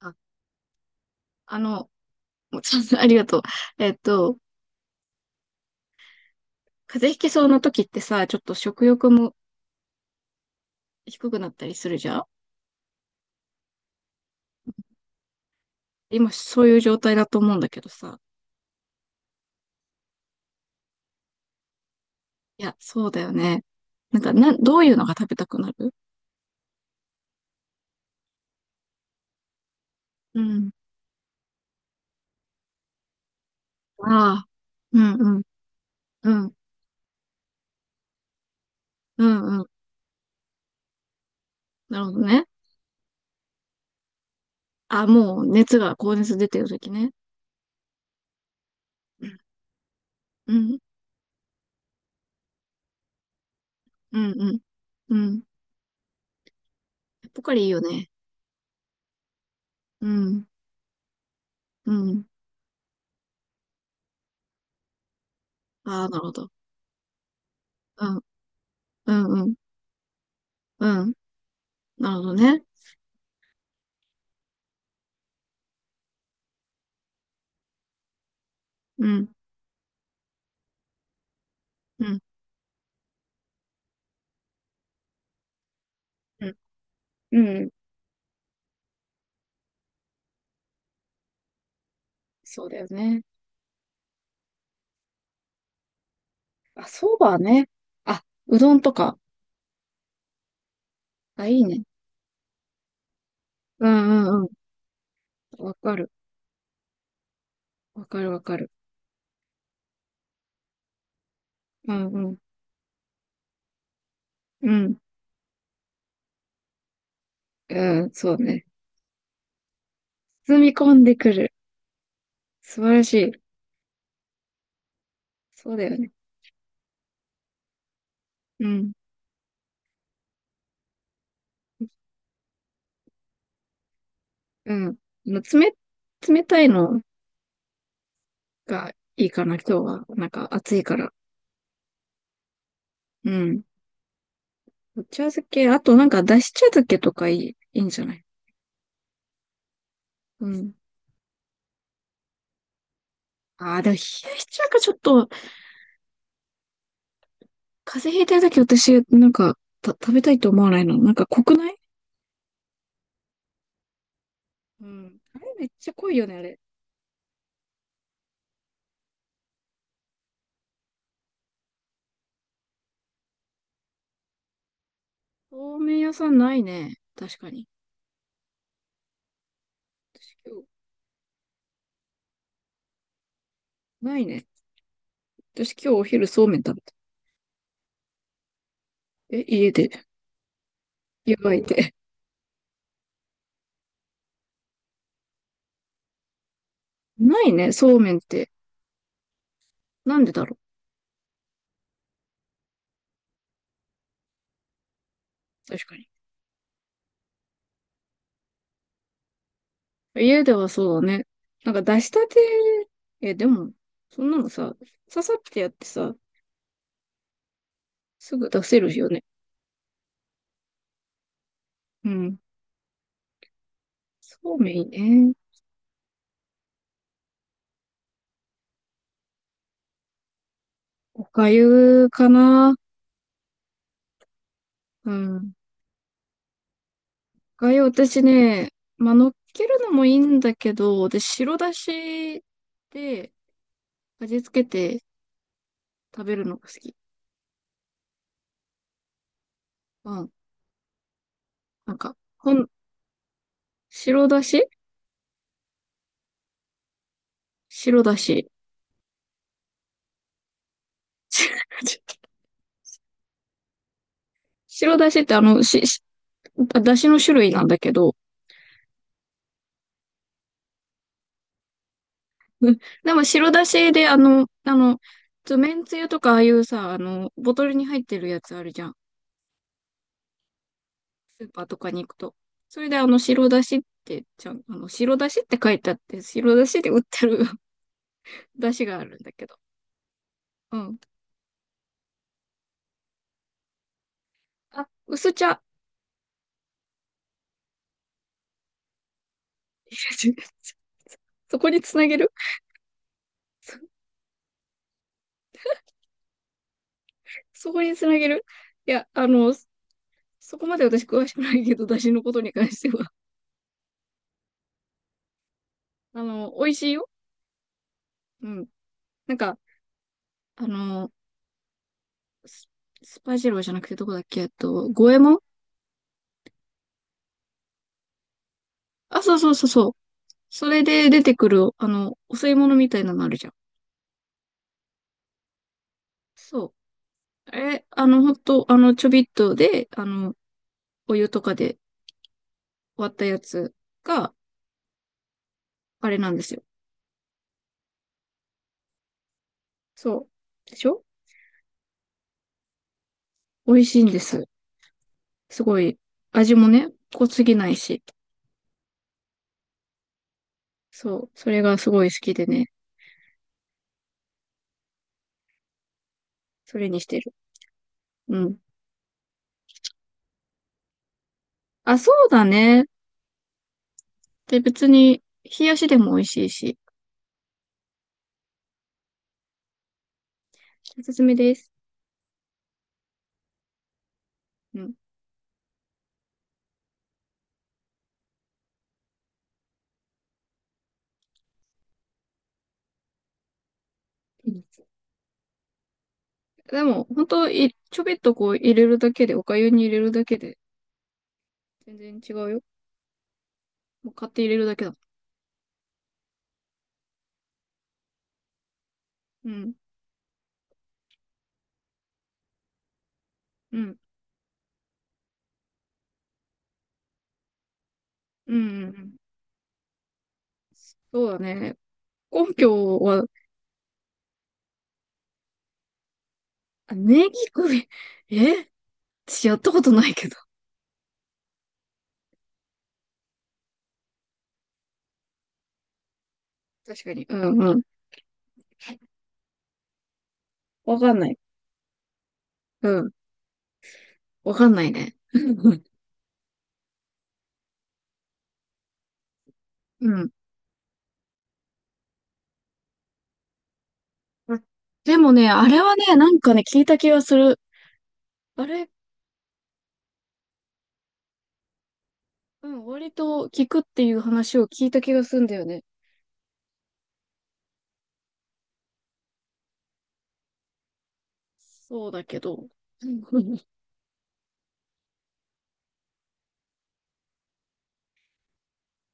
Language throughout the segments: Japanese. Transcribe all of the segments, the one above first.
あ、あの、もうちょっと ありがとう。えっと、風邪ひきそうな時ってさ、ちょっと食欲も低くなったりするじゃん。今そういう状態だと思うんだけどさ。いや、そうだよね。なんか、どういうのが食べたくなる？うん。ああ、うん、うん、うん、うん、うん。なるほどね。あ、もう熱が、高熱出てる時ね。うん、うん、うん、うん。ポカリいいよね。うん、うん。ああ、なるほど。うん、うん、うん、うん。なるほどね。うん。うんうん。うん。そうだよね。あ、そばね。あ、うどんとか。あ、いいね。うんうんうん。わかる。わかるわかる。うんうん。うん。うん、そうね。包み込んでくる。素晴らしい。そうだよね。うん。うん。まあ冷たいのがいいかな、今日は。なんか暑いから。うん。お茶漬け、あとなんかだし茶漬けとかいい、いいんじゃない？うん。ああ、でも冷やし中華ちょっと、風邪ひいてるとき私、なんか、食べたいと思わないの。なんか濃くない？うん。あれめっちゃ濃いよね、あれ。そうめん屋さんないね。確かに。私今日、ないね。私今日お昼そうめん食べた。え、家で、湯がいて。ないね、そうめんって。なんでだろう。確かに。家ではそうだね。なんか出したて、え、でも、そんなのさ、ささってやってさ、すぐ出せるよね。うん。そうめんいいね。おかゆかな。うん。私ね、まあ、乗っけるのもいいんだけど、私、白だしで味付けて食べるのが好き。うん。なんか、白だし、白だし。白だしってあの、し、しだしの種類なんだけど、うん。でも白だしでつめんつゆとかああいうさ、あの、ボトルに入ってるやつあるじゃん。スーパーとかに行くと。それであの、白だしって、ちゃん、あの、白だしって書いてあって、白だしで売ってる出汁があるんだけど。うん。あ、薄茶。そこにつなげる。そ そこにつなげる。いや、そこまで私詳しくないけど、出汁のことに関しては。あの、美味しいよ。うん。なんか、あの、ススパジローじゃなくてどこだっけ、五右衛門。あ、そうそうそうそう。それで出てくる、あの、お吸い物みたいなのあるじゃん。そう。え、あの、ほんと、あの、ちょびっとで、あの、お湯とかで割ったやつが、あれなんですよ。そう。でしょ？美味しいんです。すごい、味もね、濃すぎないし。そう、それがすごい好きでね、それにしてる。うん。あ、そうだね。で、別に、冷やしでも美味しいし、おすすめです。うん。うん。でも、本当い、ちょびっとこう入れるだけで、お粥に入れるだけで、全然違うよ。もう買って入れるだけだ。うん、うん、うん、うん。うん。そうだね。根拠は、あネギ首、え私やったことないけど。確かに。うん、うん。わかんない。うん。わかんないね。うん。でもね、あれはね、なんかね、聞いた気がする。あれ、うん、割と聞くっていう話を聞いた気がするんだよね。そうだけど。うん。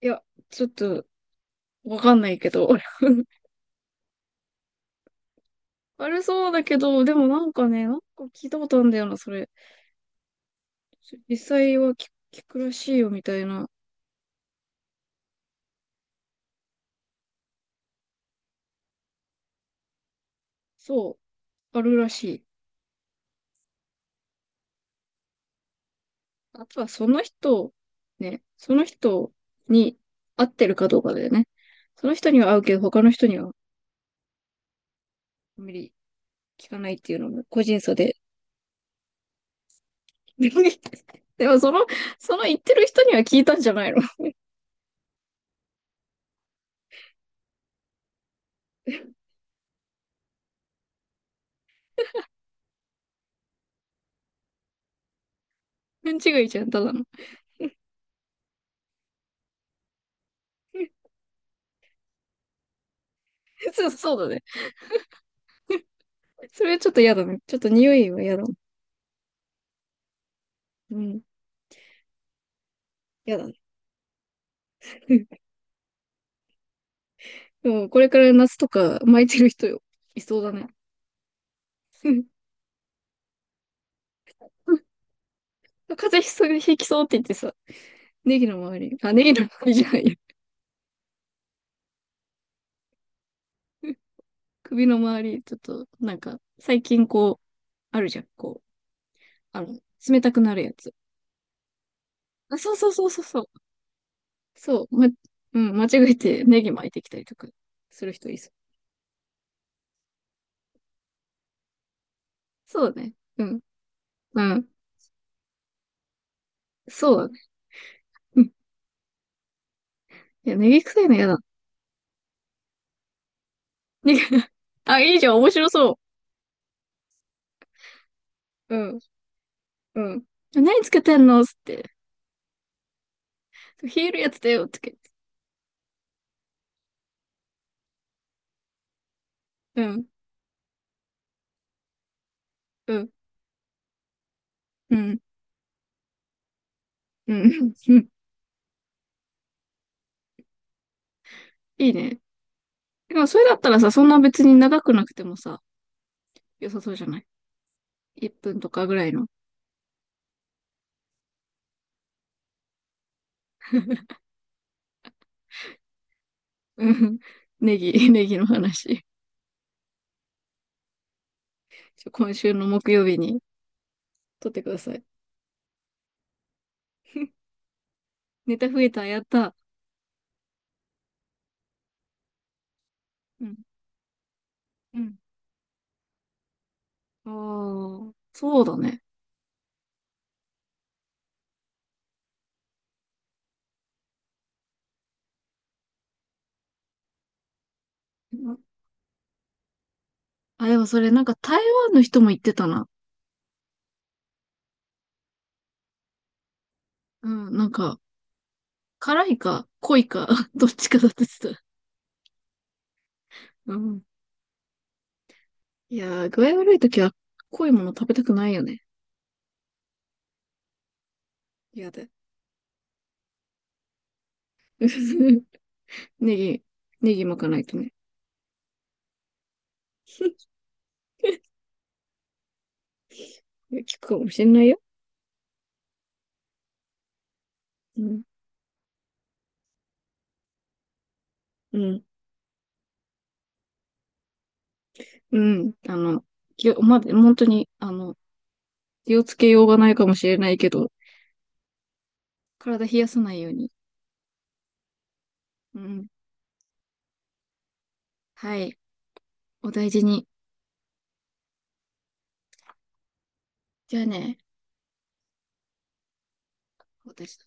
いや、ちょっと、わかんないけど。あれそうだけど、でもなんかね、なんか聞いたことあるんだよな、それ。実際は聞、聞くらしいよ、みたいな。そう、あるらしい。あとはその人、ね、その人に合ってるかどうかだよね。その人には合うけど、他の人にはあんまり聞かないっていうのも個人差で。でもその、その言ってる人には聞いたんじゃないの？ 勘違いじゃん、ただの。そう、そうだね。それはちょっと嫌だね。ちょっと匂いは嫌だ。うん、嫌だね。でもこれから夏とか巻いてる人、よ、いそうだね。風邪ひきそうって言ってさ、ネギの周りじゃないや。首の周り、ちょっと、なんか、最近こう、あるじゃん、こう、あの、冷たくなるやつ。あ、そうそうそうそうそう。そう、ま、うん、間違えてネギ巻いてきたりとかする人いそう。そうだね。うん。うん。そうだね。うん。いや、ネギ臭いの嫌だ。ネギ、あ、いいじゃん、面白そう。うん、うん。何つけてんのつって。冷えるやつだよ、つけて。うん、うん、うん、うん、うん。いいね。でも、それだったらさ、そんな別に長くなくてもさ、良さそうじゃない？ 1 分とかぐらいの。うん。ネギ、ネギの話。今週の木曜日に撮ってください。ネタ増えた、やった。うん。うん。ああ、そうだね。うん。あ、でもそれなんか台湾の人も言ってたな。うん、なんか、辛いか濃いか どっちかだって言ってた。うん。いやー、具合悪い時は濃いもの食べたくないよね。嫌だ。ネギ、ネギ巻かないとね。いや効くかもしれないよ。うん。うん。うん。あの、きおま、本当に、あの、気をつけようがないかもしれないけど、体冷やさないように。うん。はい。お大事に。じゃあね、私。